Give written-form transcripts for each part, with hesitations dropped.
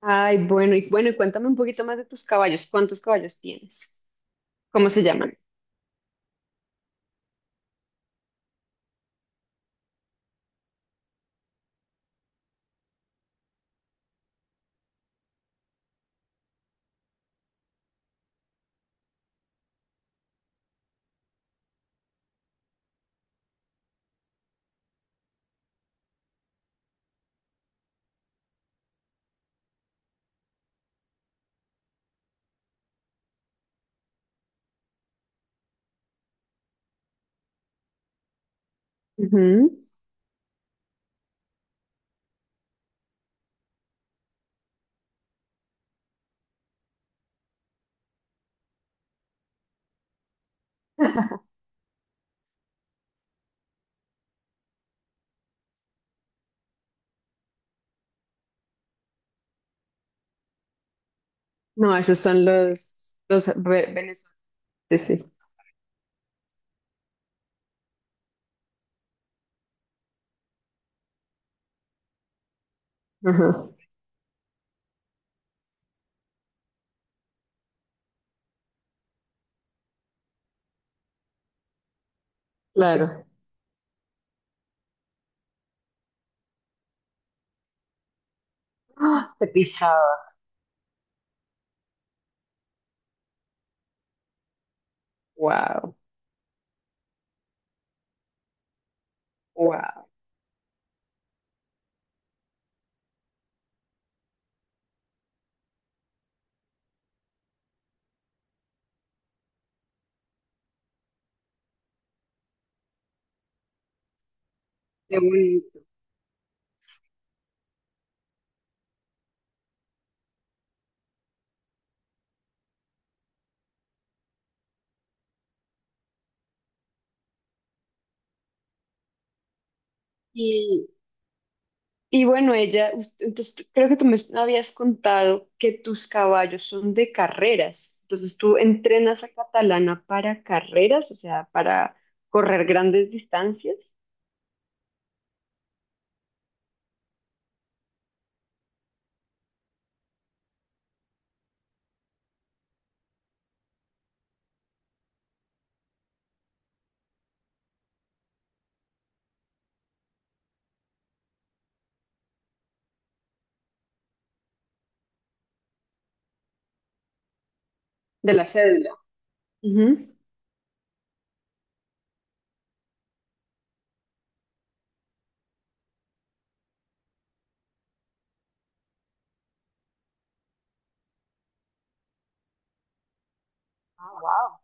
Ay, bueno, y cuéntame un poquito más de tus caballos. ¿Cuántos caballos tienes? ¿Cómo se llaman? Ujú. No, esos son los venezolanos. Sí, sí. Ajá, claro. ¡Ah! Te pisaba. Wow, wow. Qué bonito. Y, y bueno, ella, us- entonces creo que tú me habías contado que tus caballos son de carreras. Entonces tú entrenas a Catalana para carreras, o sea, para correr grandes distancias. De la cédula. Ujú. Ah, wow.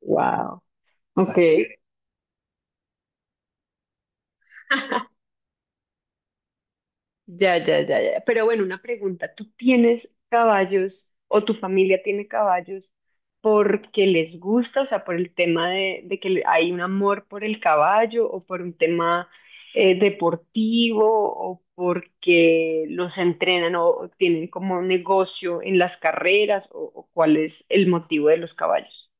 Wow. Ok. Ya, ya, ya, ya. Pero bueno, una pregunta. ¿Tú tienes caballos o tu familia tiene caballos porque les gusta, o sea, por el tema de que le- hay un amor por el caballo o por un tema deportivo o porque los entrenan o tienen como un negocio en las carreras o cuál es el motivo de los caballos?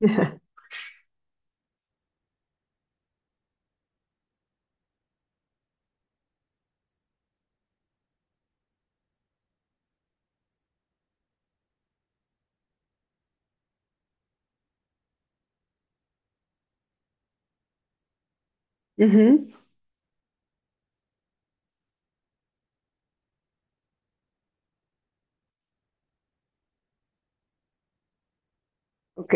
Ujú. Ok,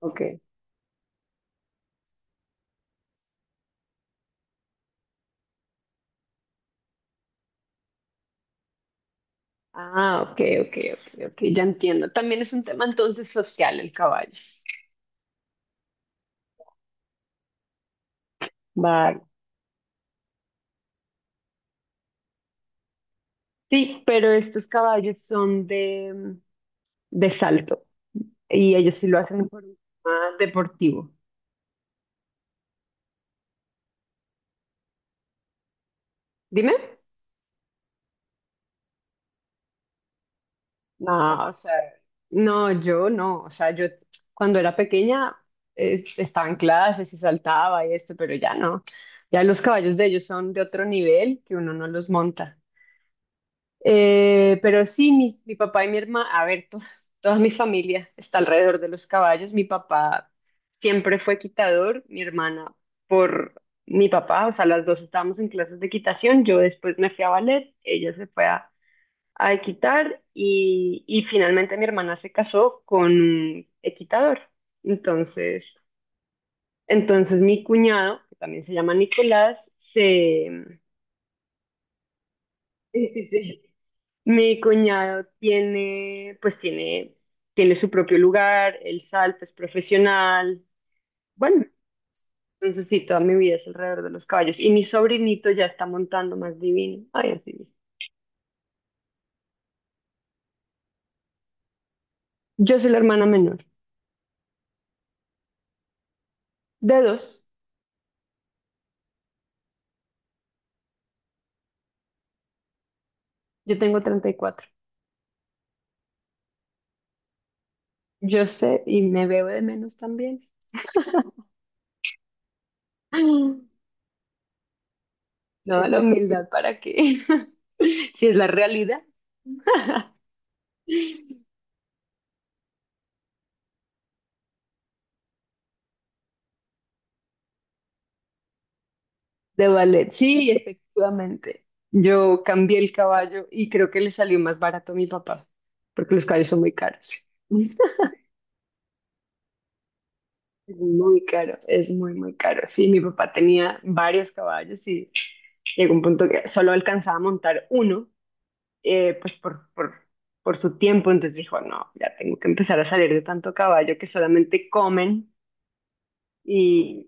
ok. Ah, ok, ok, ok, ok, ya entiendo. También es un tema entonces social el caballo. Vale. Sí, pero estos caballos son de salto y ellos sí lo hacen por un tema deportivo. Dime. No, o sea, no, yo no. O sea, yo cuando era pequeña estaba en clases y saltaba y esto, pero ya no. Ya los caballos de ellos son de otro nivel que uno no los monta. Pero sí, mi papá y mi hermana, a ver, toda mi familia está alrededor de los caballos. Mi papá siempre fue quitador, mi hermana por mi papá, o sea, las dos estábamos en clases de quitación. Yo después me fui a ballet, ella se fue a equitar y finalmente mi hermana se casó con un equitador. Entonces, entonces, mi cuñado, que también se llama Nicolás, se... Sí, sí, sí. Mi cuñado pues tiene su propio lugar, él salta, es profesional. Bueno, entonces sí, toda mi vida es alrededor de los caballos. Y mi sobrinito ya está montando más divino. Ay, así es. Yo soy la hermana menor. De dos, yo tengo 34. Yo sé y me veo de menos también. No, la humildad, ¿para qué? Si es la realidad. De ballet, sí, efectivamente. Yo cambié el caballo y creo que le salió más barato a mi papá, porque los caballos son muy caros. Es muy caro, es muy, muy caro. Sí, mi papá tenía varios caballos y llegó un punto que solo alcanzaba a montar uno, pues por su tiempo. Entonces dijo, no, ya tengo que empezar a salir de tanto caballo que solamente comen y...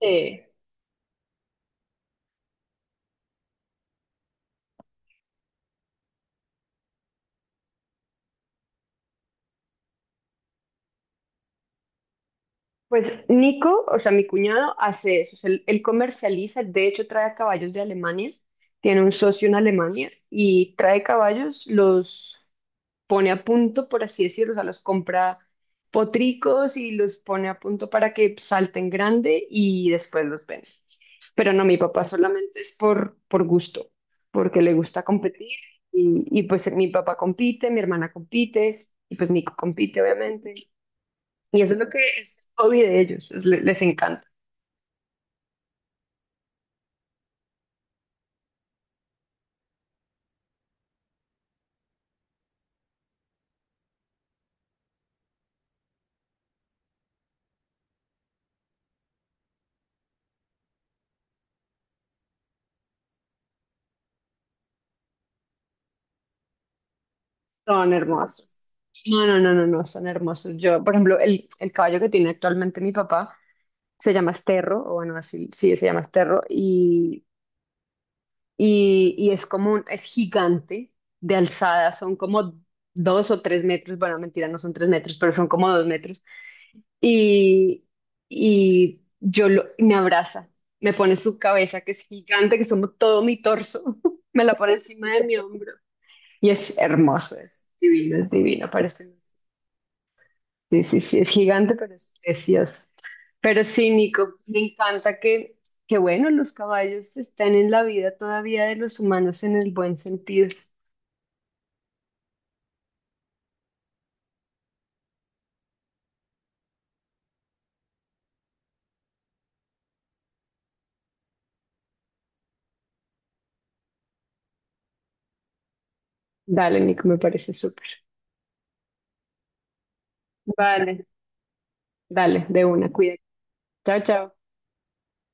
Sí. Pues Nico, o sea, mi cuñado hace eso, o sea, él comercializa, de hecho trae caballos de Alemania, tiene un socio en Alemania y trae caballos, los pone a punto, por así decirlo, o sea, los compra potricos y los pone a punto para que salten grande y después los vende. Pero no, mi papá solamente es por gusto, porque le gusta competir y pues mi papá compite, mi hermana compite y pues Nico compite, obviamente. Y eso es lo que es el hobby de ellos, les encanta. Son hermosos. No, no, no, no, no, son hermosos. Yo, por ejemplo, el caballo que tiene actualmente mi papá se llama Esterro, o bueno, así, sí, se llama Esterro, y es gigante de alzada, son como 2 o 3 metros, bueno, mentira, no son 3 metros, pero son como 2 metros, y, y me abraza, me pone su cabeza, que es gigante, que es como todo mi torso, me la pone encima de mi hombro. Y es hermoso, es divino, parece. Sí, sí, sí, es gigante, pero es precioso. Pero sí, Nico, me encanta que bueno, los caballos están en la vida todavía de los humanos en el buen sentido. Dale, Nico, me parece súper. Vale, dale, de una, cuídate. Chao, chao.